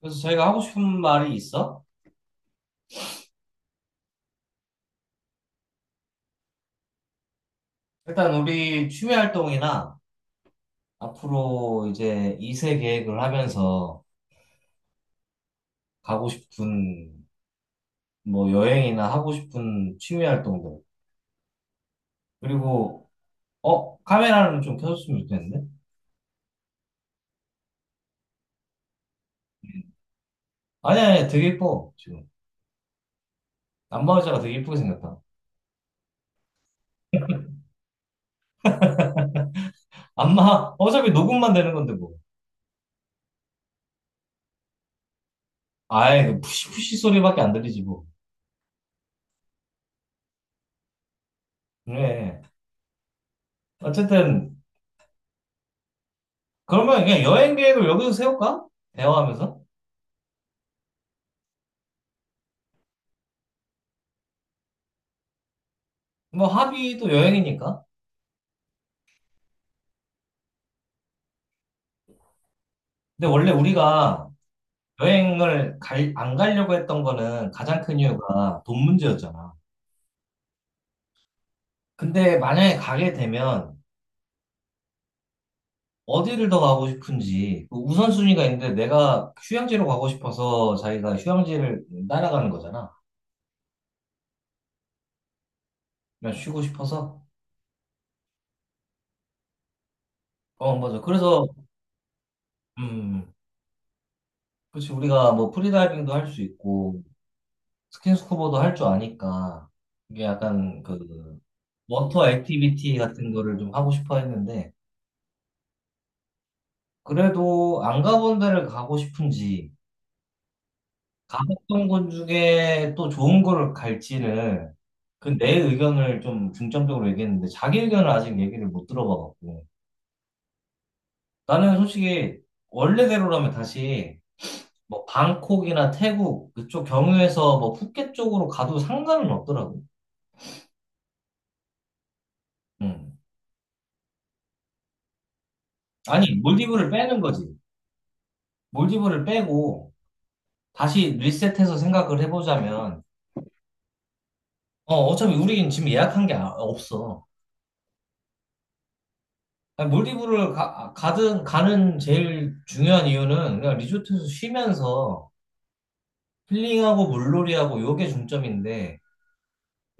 그래서 저희가 하고 싶은 말이 있어? 일단 우리 취미 활동이나 앞으로 이제 2세 계획을 하면서 가고 싶은 뭐 여행이나 하고 싶은 취미 활동들. 그리고 어? 카메라는 좀 켜줬으면 좋겠는데? 아니 아니 되게 예뻐 지금. 안마 의자가 되게 예쁘게 생겼다. 안마 어차피 녹음만 되는 건데 뭐. 아이 그 푸시푸시 소리밖에 안 들리지 뭐. 그래. 어쨌든 그러면 그냥 여행 계획을 여기서 세울까? 대화하면서? 뭐 합의도 여행이니까. 근데 원래 우리가 여행을 갈, 안 가려고 했던 거는 가장 큰 이유가 돈 문제였잖아. 근데 만약에 가게 되면 어디를 더 가고 싶은지 그 우선순위가 있는데 내가 휴양지로 가고 싶어서 자기가 휴양지를 따라가는 거잖아. 그냥 쉬고 싶어서. 어, 맞아. 그래서, 음, 그렇지. 우리가 뭐 프리다이빙도 할 수 있고 스킨스쿠버도 할 줄 아니까 이게 약간 그 워터 액티비티 같은 거를 좀 하고 싶어 했는데 그래도 안 가본 데를 가고 싶은지, 가봤던 곳 중에 또 좋은 거를 갈지는, 그 내 의견을 좀 중점적으로 얘기했는데, 자기 의견을 아직 얘기를 못 들어봐갖고. 나는 솔직히, 원래대로라면 다시, 뭐, 방콕이나 태국, 그쪽 경유해서 뭐, 푸켓 쪽으로 가도 상관은 없더라고. 음. 아니, 몰디브를 빼는 거지. 몰디브를 빼고, 다시 리셋해서 생각을 해보자면, 어, 어차피 우리는 지금 예약한 게 없어. 아니, 몰디브를 가든 가는 제일 중요한 이유는 그냥 리조트에서 쉬면서 힐링하고 물놀이하고 요게 중점인데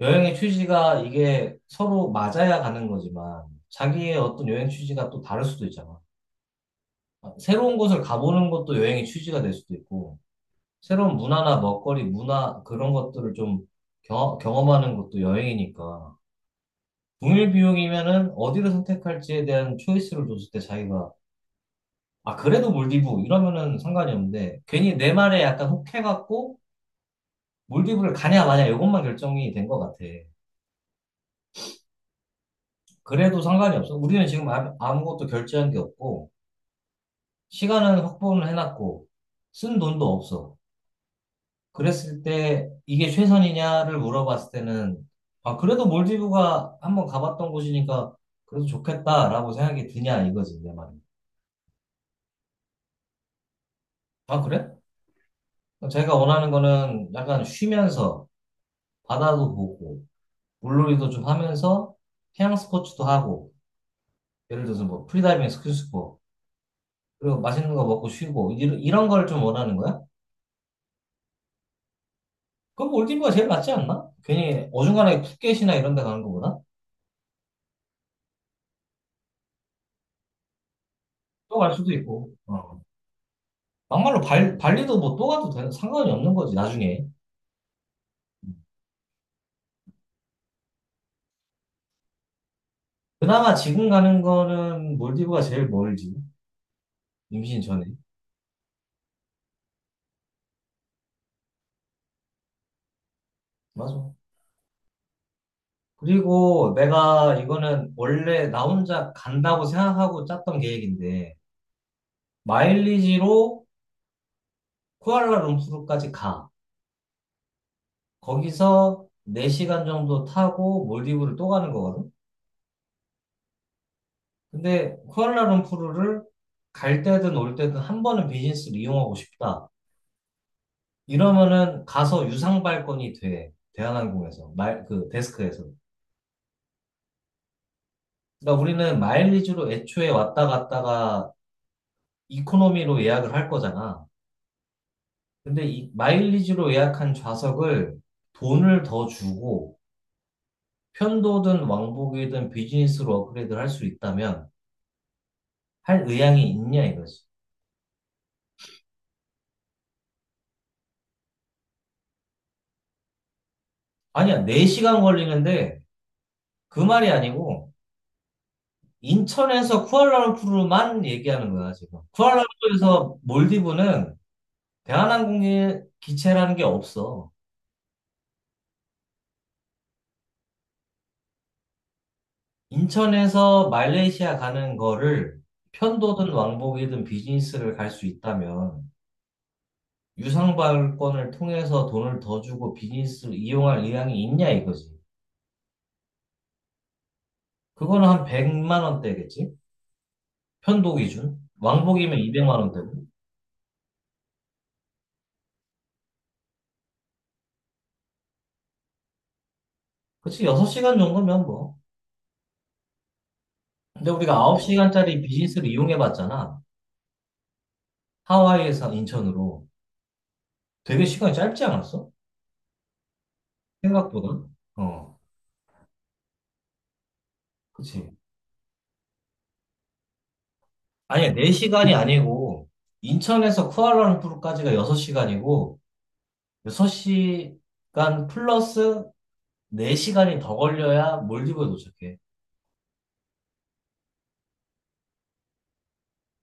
여행의 취지가 이게 서로 맞아야 가는 거지만 자기의 어떤 여행 취지가 또 다를 수도 있잖아. 아, 새로운 곳을 가보는 것도 여행의 취지가 될 수도 있고 새로운 문화나 먹거리, 문화 그런 것들을 좀 경, 경험하는 것도 여행이니까 동일 비용이면은 어디를 선택할지에 대한 초이스를 줬을 때 자기가 아, 그래도 몰디브 이러면은 상관이 없는데 괜히 내 말에 약간 혹해갖고 몰디브를 가냐 마냐 이것만 결정이 된 것 같아. 그래도 상관이 없어. 우리는 지금 아무것도 결제한 게 없고 시간은 확보는 해놨고 쓴 돈도 없어. 그랬을 때 이게 최선이냐를 물어봤을 때는 아, 그래도 몰디브가 한번 가봤던 곳이니까 그래도 좋겠다라고 생각이 드냐 이거지 내 말은. 아, 그래? 자기가 원하는 거는 약간 쉬면서 바다도 보고 물놀이도 좀 하면서 해양 스포츠도 하고 예를 들어서 뭐 프리다이빙, 스킨스쿠버 그리고 맛있는 거 먹고 쉬고 이런, 이런 걸 좀 원하는 거야? 그럼 몰디브가 제일 낫지 않나? 괜히 어중간하게 푸켓이나 이런 데 가는 거보다 또 갈 수도 있고 어. 막말로 발, 발리도 뭐 또 가도 되는, 상관이 없는 거지 나중에. 그나마 지금 가는 거는 몰디브가 제일 멀지. 임신 전에. 맞아. 그리고 내가 이거는 원래 나 혼자 간다고 생각하고 짰던 계획인데 마일리지로 쿠알라룸푸르까지 가. 거기서 4시간 정도 타고 몰디브를 또 가는 거거든. 근데 쿠알라룸푸르를 갈 때든 올 때든 한 번은 비즈니스를 이용하고 싶다. 이러면은 가서 유상 발권이 돼. 대한항공에서 말 그 데스크에서. 그러니까 우리는 마일리지로 애초에 왔다 갔다가 이코노미로 예약을 할 거잖아. 근데 이 마일리지로 예약한 좌석을 돈을 더 주고 편도든 왕복이든 비즈니스로 업그레이드를 할 수 있다면 할 의향이 있냐 이거지. 아니야, 4시간 걸리는데 그 말이 아니고 인천에서 쿠알라룸푸르만 얘기하는 거야, 지금. 쿠알라룸푸르에서 몰디브는 대한항공의 기체라는 게 없어. 인천에서 말레이시아 가는 거를 편도든 왕복이든 비즈니스를 갈 수 있다면 유상발권을 통해서 돈을 더 주고 비즈니스를 이용할 의향이 있냐 이거지. 그거는 한 100만 원대겠지? 편도 기준. 왕복이면 200만 원대고. 그치, 6시간 정도면 뭐. 근데 우리가 9시간짜리 비즈니스를 이용해 봤잖아. 하와이에서 인천으로. 되게 시간이 짧지 않았어? 생각보다. 어, 그치. 아니야, 4시간이 아니고, 인천에서 쿠알라룸푸르까지가 6시간이고, 6시간 플러스 4시간이 더 걸려야 몰디브에 도착해.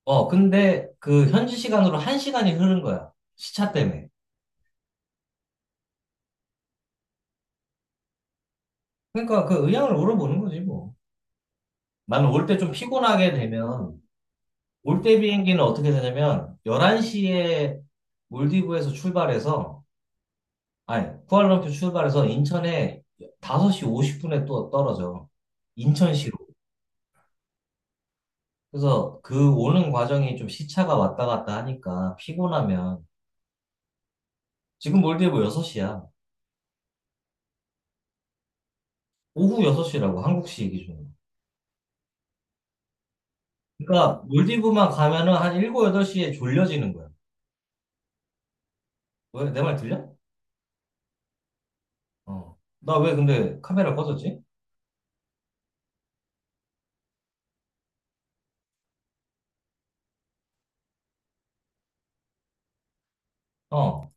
어, 근데 그 현지 시간으로 1시간이 흐른 거야. 시차 때문에. 그러니까 그 의향을 물어보는 거지, 뭐. 나는 올 때 좀 피곤하게 되면, 올 때 비행기는 어떻게 되냐면 11시에 몰디브에서 출발해서 아니 쿠알라룸푸르 출발해서 인천에 5시 50분에 또 떨어져. 인천시로. 그래서 그 오는 과정이 좀 시차가 왔다 갔다 하니까 피곤하면 지금 몰디브 6시야. 오후 6시라고 한국시 기준으로. 그러니까 몰디브만 가면은 한 7, 8시에 졸려지는 거야. 왜? 내 말 들려? 어. 나 왜 근데 카메라 꺼졌지? 어.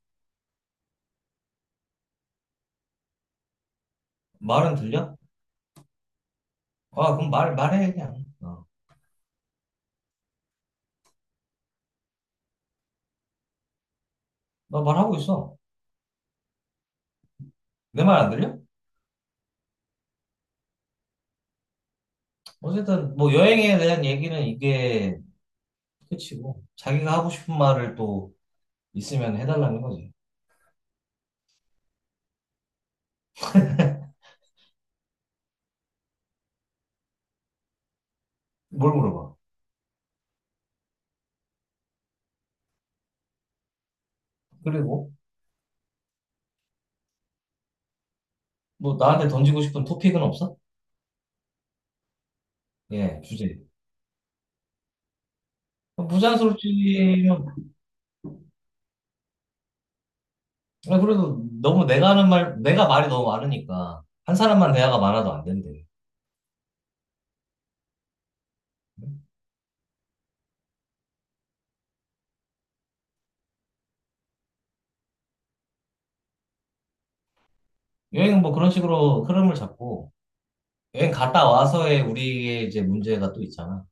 말은 들려? 아, 그럼 말해, 그냥. 어. 나 말하고 있어. 내 말 안 들려? 어쨌든 뭐 여행에 대한 얘기는 이게 끝이고 자기가 하고 싶은 말을 또 있으면 해달라는 거지. 뭘 물어봐. 그리고 뭐 나한테 던지고 싶은 토픽은 없어? 예, 주제. 부자연스럽지면 아, 그래도 너무 내가 하는 말 내가 말이 너무 많으니까 한 사람만 대화가 많아도 안 된대. 여행은 뭐 그런 식으로 흐름을 잡고 여행 갔다 와서의 우리의 이제 문제가 또 있잖아.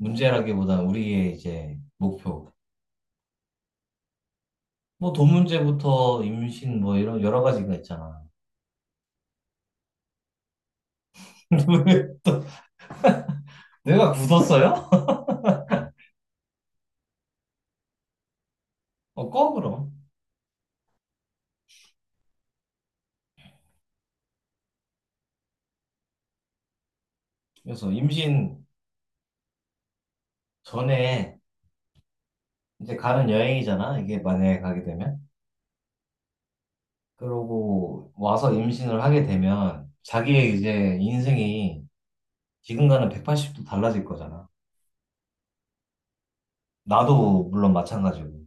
문제라기보다는 우리의 이제 목표. 뭐 돈 문제부터 임신 뭐 이런 여러 가지가 있잖아. 왜 또 내가 굳었어요? 어, 꺼 그럼. 그래서 임신 전에 이제 가는 여행이잖아. 이게 만약에 가게 되면. 그러고 와서 임신을 하게 되면 자기의 이제 인생이 지금과는 180도 달라질 거잖아. 나도 물론 마찬가지고.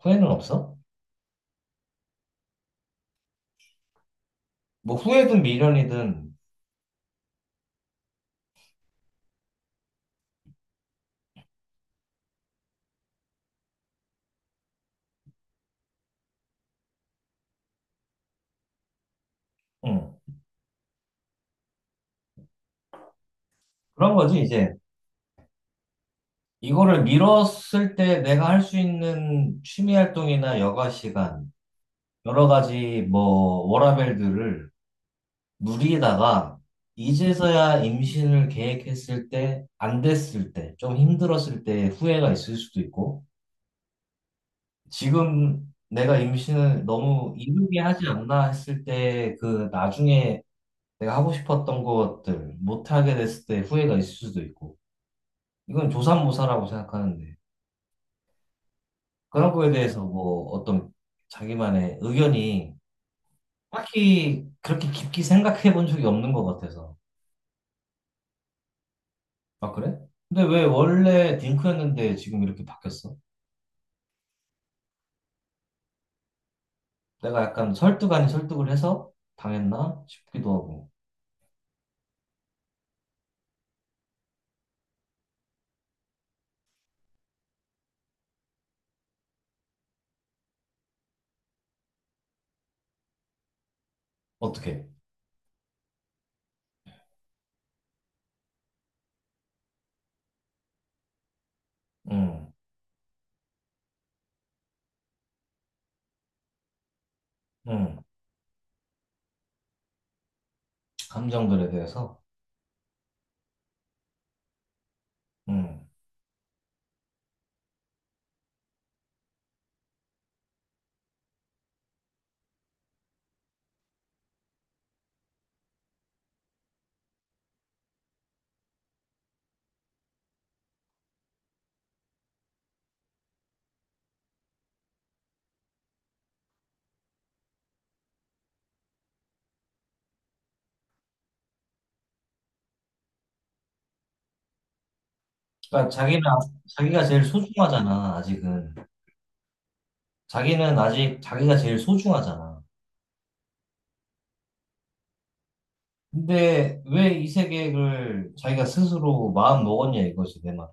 후회는 없어? 뭐 후회든 미련이든 응. 그런 거지 이제. 이거를 미뤘을 때 내가 할 수 있는 취미 활동이나 여가 시간 여러 가지 뭐 워라밸들을 누리다가 이제서야 임신을 계획했을 때, 안 됐을 때, 좀 힘들었을 때 후회가 있을 수도 있고, 지금 내가 임신을 너무 이르게 하지 않나 했을 때 그 나중에 내가 하고 싶었던 것들 못하게 됐을 때 후회가 있을 수도 있고, 이건 조삼모사라고 생각하는데, 그런 거에 대해서 뭐 어떤 자기만의 의견이 딱히 그렇게 깊게 생각해 본 적이 없는 것 같아서. 아, 그래? 근데 왜 원래 딩크였는데 지금 이렇게 바뀌었어? 내가 약간 설득 아닌 설득을 해서 당했나 싶기도 하고. 어떻게? 음, 음, 감정들에 대해서. 음. 그러니까 자기는, 자기가 제일 소중하잖아, 아직은. 자기는 아직 자기가 제일 소중하잖아. 근데 왜 이 세계를 자기가 스스로 마음 먹었냐 이거지, 내 말.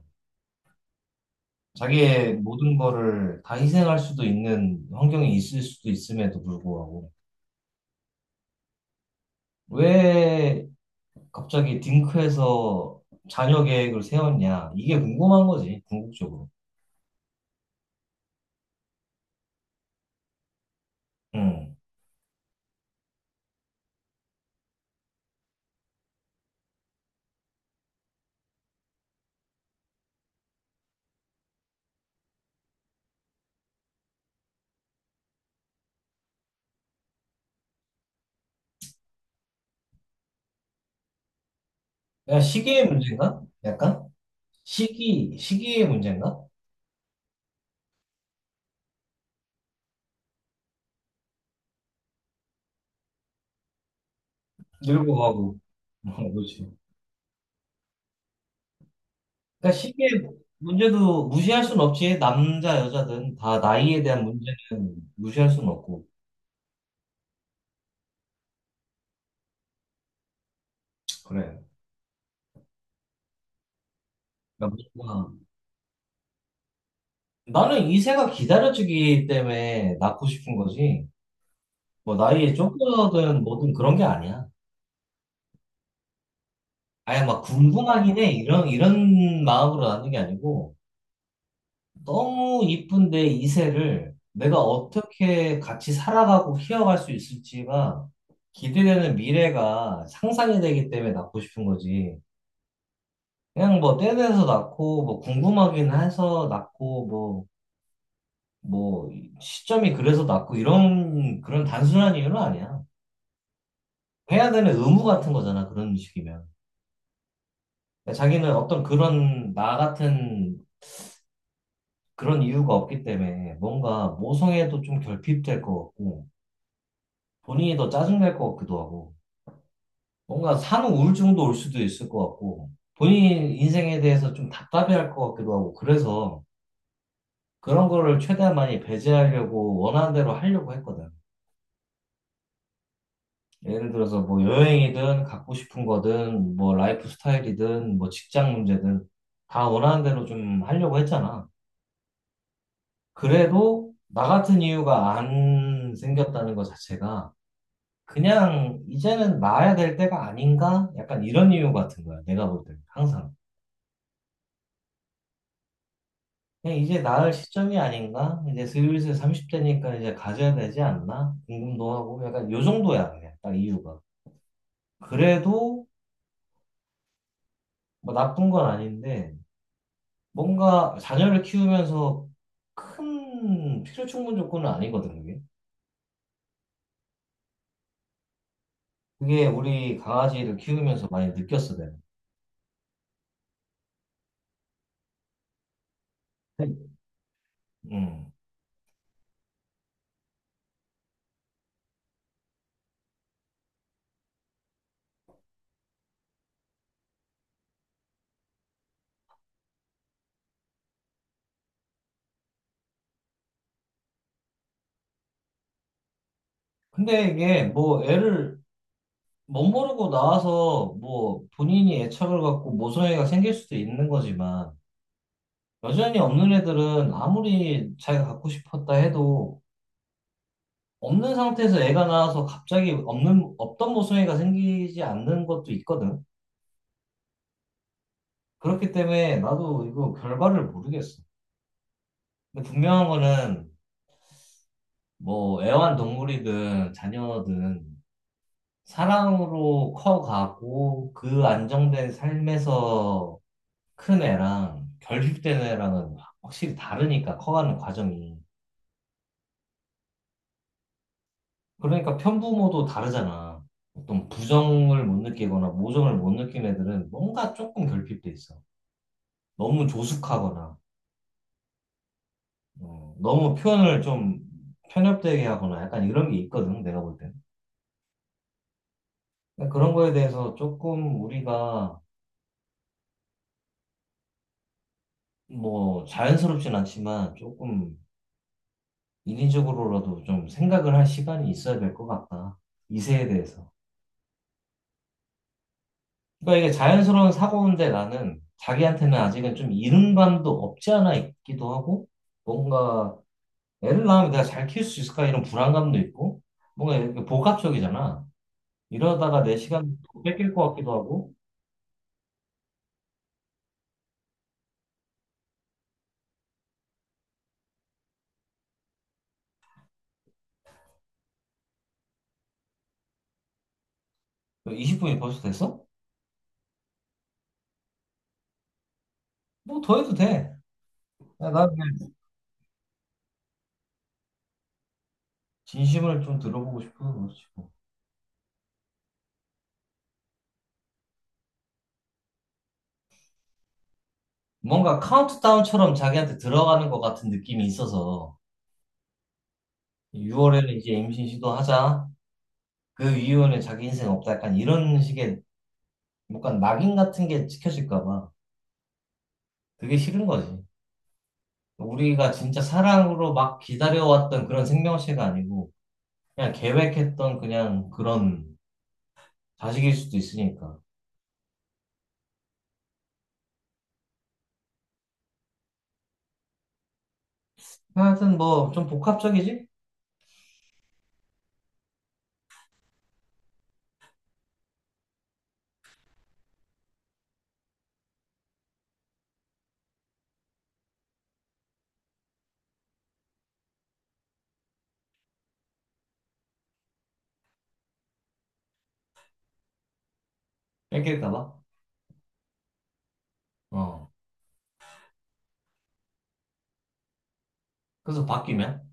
자기의 모든 거를 다 희생할 수도 있는 환경이 있을 수도 있음에도 불구하고. 왜 갑자기 딩크에서 자녀 계획을 세웠냐? 이게 궁금한 거지, 궁극적으로. 음. 그냥 시기의 문제인가? 약간? 시기의 문제인가? 늙고 가고. 어, 그렇지. 그러니까 시기의 문제도 무시할 순 없지. 남자, 여자든 다 나이에 대한 문제는 무시할 순 없고. 그래. 그러니까 무조건. 나는 이 새가 기다려주기 때문에 낳고 싶은 거지. 뭐 나이에 쫓겨든 뭐든 그런 게 아니야. 아예 막 궁금하긴 해. 이런, 이런 마음으로 낳는 게 아니고, 너무 이쁜 내 이세를 내가 어떻게 같이 살아가고 키워갈 수 있을지가 기대되는 미래가 상상이 되기 때문에 낳고 싶은 거지. 그냥 뭐 떼내서 낳고, 뭐 궁금하긴 해서 낳고, 뭐, 뭐, 시점이 그래서 낳고, 이런, 그런 단순한 이유는 아니야. 해야 되는 의무 같은 거잖아, 그런 식이면. 그러니까 자기는 어떤 그런 나 같은 그런 이유가 없기 때문에 뭔가 모성애도 좀 결핍될 것 같고 본인이 더 짜증날 것 같기도 하고 뭔가 산후 우울증도 올 수도 있을 것 같고 본인 인생에 대해서 좀 답답해할 것 같기도 하고 그래서 그런 거를 최대한 많이 배제하려고 원하는 대로 하려고 했거든. 예를 들어서 뭐 여행이든 갖고 싶은 거든 뭐 라이프 스타일이든 뭐 직장 문제든 다 원하는 대로 좀 하려고 했잖아. 그래도 나 같은 이유가 안 생겼다는 것 자체가 그냥 이제는 나아야 될 때가 아닌가? 약간 이런 이유 같은 거야. 내가 볼 때. 항상. 그냥 이제 나을 시점이 아닌가? 이제 슬슬 30대니까 이제 가져야 되지 않나? 궁금도 하고 약간 요 정도야. 그냥 딱 이유가. 그래도 뭐 나쁜 건 아닌데 뭔가 자녀를 키우면서 큰 필요 충분 조건은 아니거든, 그게. 그게 우리 강아지를 키우면서 많이 느꼈어, 내가. 음. 근데 이게 뭐 애를 멋모르고 나와서 뭐 본인이 애착을 갖고 모성애가 생길 수도 있는 거지만 여전히 없는 애들은 아무리 자기가 갖고 싶었다 해도 없는 상태에서 애가 나와서 갑자기 없는 없던 모성애가 생기지 않는 것도 있거든. 그렇기 때문에 나도 이거 결과를 모르겠어. 근데 분명한 거는 뭐 애완동물이든 자녀든 사랑으로 커가고 그 안정된 삶에서 큰 애랑 결핍된 애랑은 확실히 다르니까 커가는 과정이. 그러니까 편부모도 다르잖아. 어떤 부정을 못 느끼거나 모정을 못 느낀 애들은 뭔가 조금 결핍돼 있어. 너무 조숙하거나, 어, 너무 표현을 좀 편협되게 하거나 약간 이런 게 있거든, 내가 볼 때는. 그러니까 그런 거에 대해서 조금 우리가 뭐 자연스럽진 않지만 조금 인위적으로라도 좀 생각을 할 시간이 있어야 될 것 같다. 이 세에 대해서. 그러니까 이게 자연스러운 사고인데 나는 자기한테는 아직은 좀 이른감도 없지 않아 있기도 하고 뭔가 애를 낳으면 내가 잘 키울 수 있을까 이런 불안감도 있고 뭔가 이렇게 복합적이잖아. 이러다가 내 시간 뺏길 것 같기도 하고 20분이 벌써 됐어? 뭐 더 해도 돼. 야, 나 그냥 진심을 좀 들어보고 싶어서 그렇지. 뭐. 뭔가 카운트다운처럼 자기한테 들어가는 것 같은 느낌이 있어서 6월에는 이제 임신 시도하자. 그 이후에는 자기 인생 없다. 약간 이런 식의 뭔가 낙인 같은 게 찍혀질까 봐. 그게 싫은 거지. 우리가 진짜 사랑으로 막 기다려왔던 그런 생명체가 아니고, 그냥 계획했던 그냥 그런 자식일 수도 있으니까. 하여튼 뭐, 좀 복합적이지? 뺏길까 봐. 어. 그래서 바뀌면?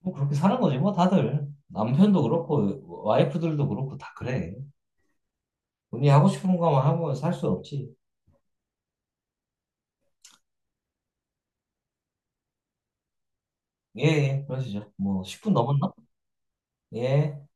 뭐 그렇게 사는 거지, 뭐 다들. 남편도 그렇고, 와이프들도 그렇고, 다 그래. 본인이 하고 싶은 거만 하고 살 수 없지. 예, 예, 그러시죠. 뭐, 10분 넘었나? 예.